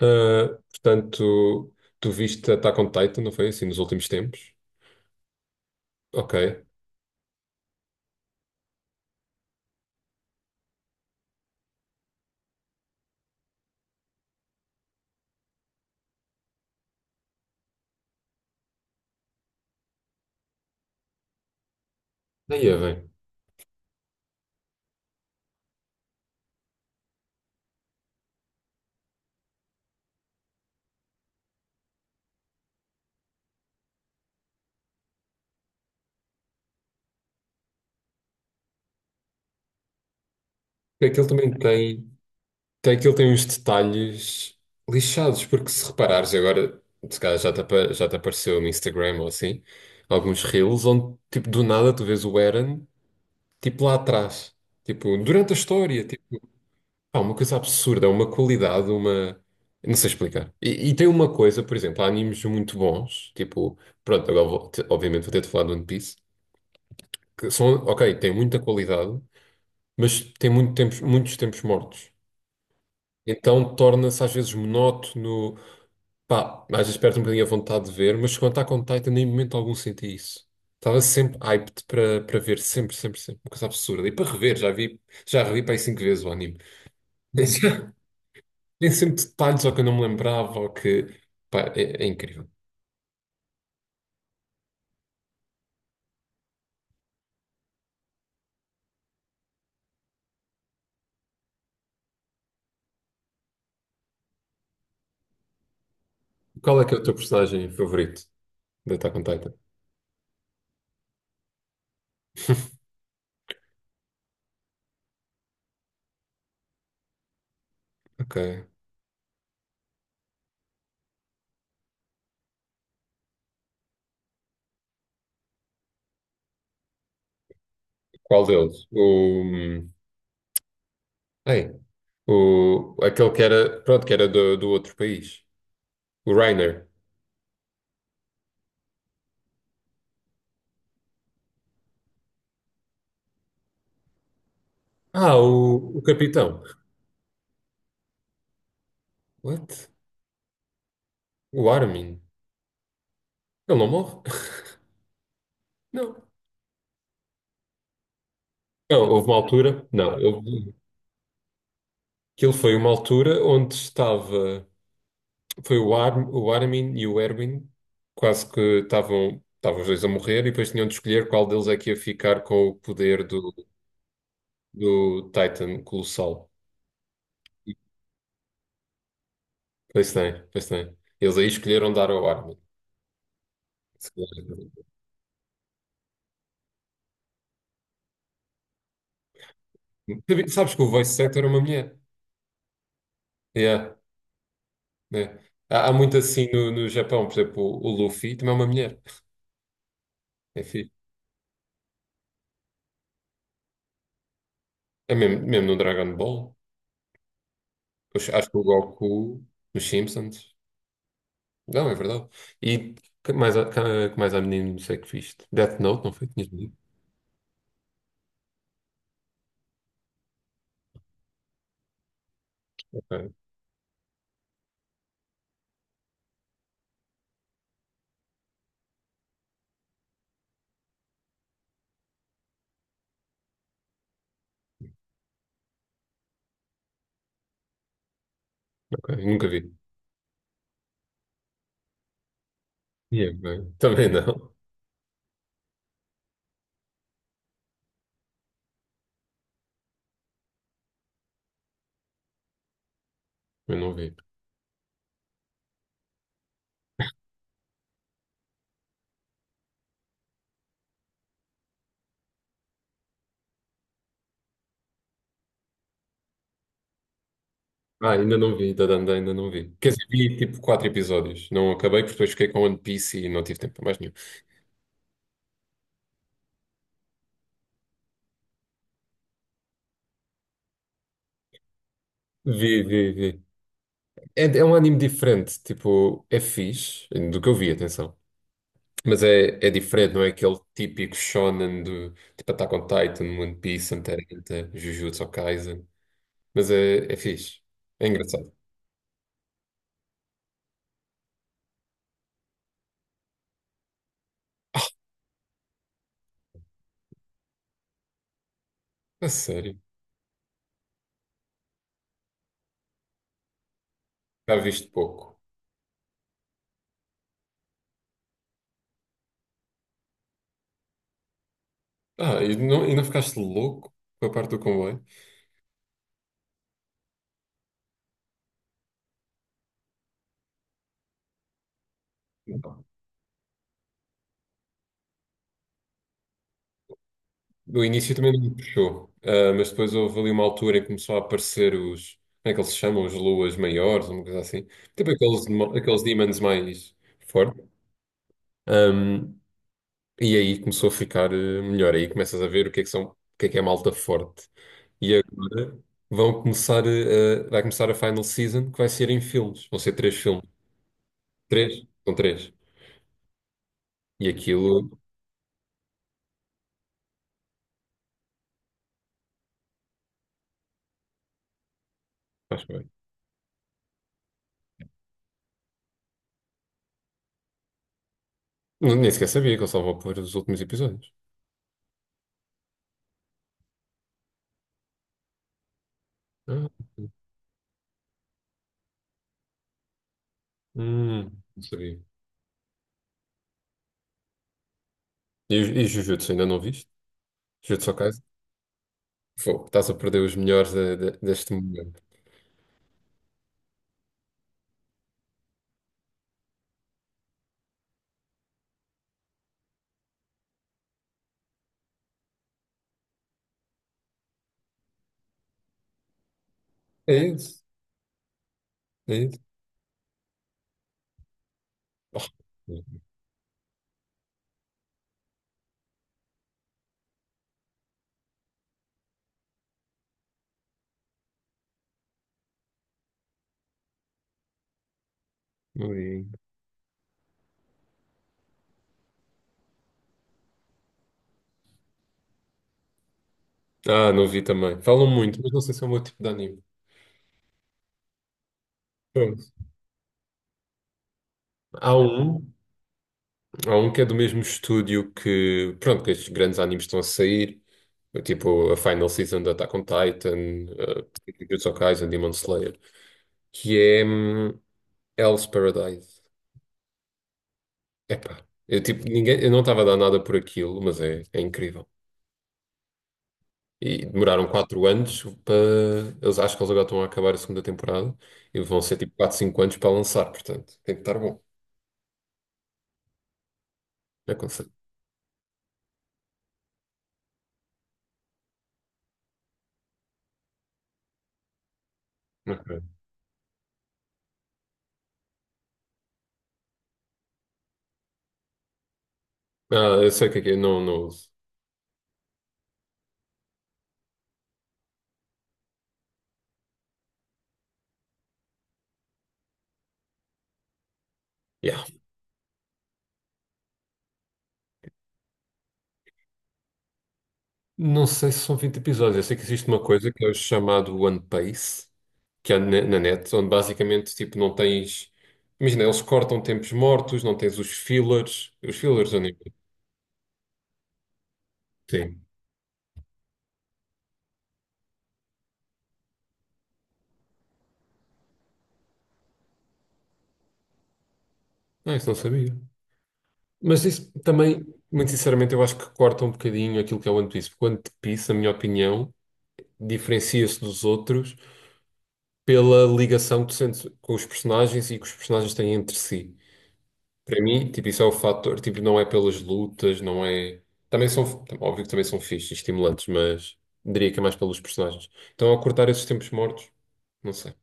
Ah, portanto, tu viste Attack on Titan, não foi assim, nos últimos tempos? Ok. Daí é bem. Aquilo também tem uns detalhes lixados, porque se reparares agora, se calhar já te apareceu no Instagram ou assim, alguns reels onde, tipo, do nada tu vês o Eren, tipo, lá atrás. Tipo, durante a história, tipo, pá, uma coisa absurda, uma qualidade. Não sei explicar. E tem uma coisa, por exemplo, há animes muito bons, tipo, pronto, agora obviamente vou ter de falar de One Piece, que são, ok, têm muita qualidade, mas têm muitos tempos mortos. Então torna-se às vezes monótono, pá, às vezes perde um bocadinho a vontade de ver, mas quando está com Titan, nem em momento algum senti isso. Estava sempre hyped para ver, sempre, sempre, sempre. Uma coisa absurda. E para rever, já revi para aí cinco vezes o anime. Já- Tem sempre detalhes ou que eu não me lembrava, ou que. Pá, é incrível. Qual é que é o teu personagem favorito de Attack on Titan? Ok. Qual deles? O. O, aquele que era, pronto, que era do outro país. O Reiner. Ah, o capitão. What? O Armin. Ele não morre? Não. Não, houve uma altura. Não, aquilo foi uma altura onde estava. Foi o Armin e o Erwin quase que estavam os dois a morrer e depois tinham de escolher qual deles é que ia ficar com o poder do, do Titan Colossal. Pois tem, pois tem. Eles aí escolheram dar ao Armin. Sabes que o voice actor é uma mulher. Yeah, né? Há, há muito assim no, Japão, por exemplo, o Luffy também é uma mulher. É fixe. É mesmo, mesmo no Dragon Ball. Oxe, acho que o Goku nos Simpsons. Não, é verdade. E que mais, que mais há menino, não sei que viste. Death Note, não foi? Tinhas visto? Ok, ok. Nunca vi. E é bem. Também não. Eu não vi. Ah, ainda não vi, da Dandan ainda não vi. Quer dizer, vi tipo quatro episódios. Não acabei porque depois fiquei com One Piece e não tive tempo para mais nenhum. Vi, vi, vi. É um anime diferente, tipo, é fixe, do que eu vi, atenção. Mas é diferente, não é aquele típico shonen do tipo Attack on Titan, One Piece, Hunter x Hunter, Jujutsu Kaisen. Mas é fixe. É engraçado. A sério. Já viste pouco. Ah, e não ficaste louco com a parte do comboio? Não. No início também não me puxou. Ah, mas depois houve ali uma altura em que começou a aparecer os. Como é que eles se chamam? Os luas maiores, uma coisa assim. Tipo aqueles, aqueles demons mais fortes. Ahm, E aí começou a ficar eh, melhor. Aí começas a ver o que é que são, o que é malta forte. E agora vão começar eh, a, vai começar a final season que vai ser em filmes. Vão ser três filmes. Três? São três. E aquilo, acho bem. Nem sequer sabia que eu só vou pôr os últimos episódios. Ah, hum, não sabia. E, e Jujutsu, ainda não viste? Jujutsu Kaisen? Fogo, estás a perder os melhores deste momento. É isso, é isso. Não vi. Ah, não vi também. Falam muito, mas não sei se é o meu tipo de anime. Há um, há um que é do mesmo estúdio que, pronto, que estes grandes animes estão a sair, tipo a Final Season de Attack on Titan, uh, Jujutsu Kaisen, Demon Slayer, que é Hell's Paradise. Epá, eu, tipo, ninguém, eu não estava a dar nada por aquilo, mas é incrível. E demoraram 4 anos para. Eles acho que eles agora estão a acabar a segunda temporada e vão ser tipo 4 5 anos para lançar, portanto, tem que estar bom. Aconselho. Ok. Ah, eu sei o que é, não, não uso. Yeah. Não sei se são 20 episódios. Eu sei que existe uma coisa que é o chamado One Piece, que é na, na net, onde basicamente tipo, não tens. Imagina, eles cortam tempos mortos, não tens os fillers. Os fillers do anime. Sim. Ah, isso não sabia. Mas isso também, muito sinceramente, eu acho que corta um bocadinho aquilo que é o One Piece. Porque o One Piece, na minha opinião, diferencia-se dos outros pela ligação que tu sentes com os personagens e que os personagens têm entre si. Para mim, tipo, isso é o fator, tipo, não é pelas lutas, não é. Também são, óbvio que também são fixes, e estimulantes, mas diria que é mais pelos personagens. Então, ao cortar esses tempos mortos, não sei.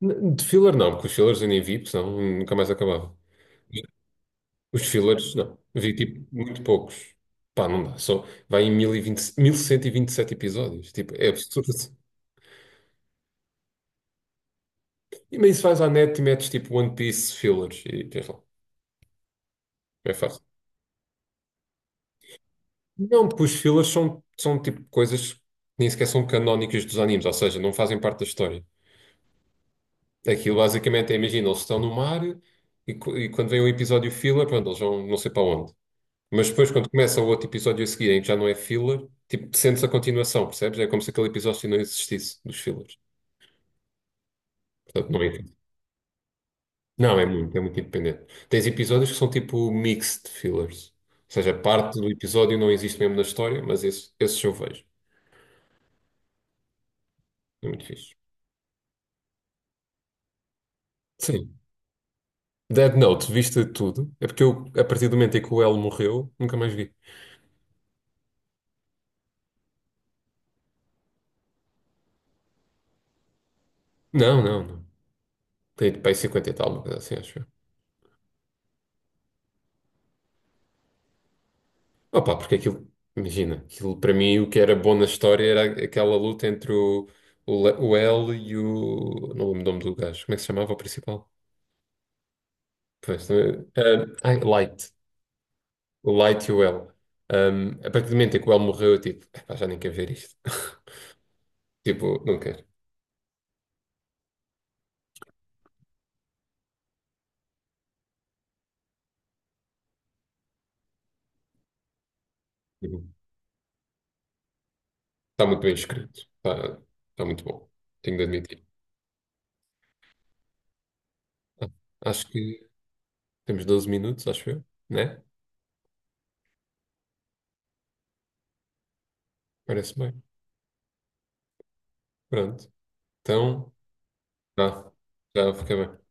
De filler, não, porque os fillers eu nem vi, porque senão nunca mais acabava. Os fillers, não. Vi, tipo, muito poucos. Pá, não dá. Só vai em mil e vinte cento e vinte e sete episódios. Tipo, é absurdo. E mas isso vais à net e metes, tipo, One Piece fillers e tens lá. É fácil. Não, pois fillers são tipo coisas que nem sequer são canónicas dos animes, ou seja, não fazem parte da história. Aquilo basicamente é, imagina, eles estão no mar e, e quando vem o episódio filler, pronto, eles vão não sei para onde. Mas depois, quando começa o outro episódio a seguir, em que já não é filler, tipo, sentes a continuação, percebes? É como se aquele episódio não existisse, dos fillers. Portanto, não é. Não, é muito independente. Tens episódios que são tipo mixed fillers. Ou seja, parte do episódio não existe mesmo na história, mas esses eu vejo. É muito fixe. Sim. Dead Note, viste tudo? É porque eu, a partir do momento em que o L morreu, nunca mais vi. Não, não, não. Tem para aí 50 e tal, uma coisa assim, acho eu. Opa, porque aquilo, imagina, aquilo para mim o que era bom na história era aquela luta entre o L e o. Não lembro o nome do gajo. Como é que se chamava o principal? Pois, ah, ai, Light. O Light e o L. Um, a partir do momento em que o L morreu, eu tipo, "Epá, já nem quero ver isto. Tipo, não quero. Tipo, está muito bem escrito. Está, está muito bom. Tenho de admitir. Ah, acho que. Temos 12 minutos, acho eu, né? Parece bem. Pronto. Então, tá. Já fica bem.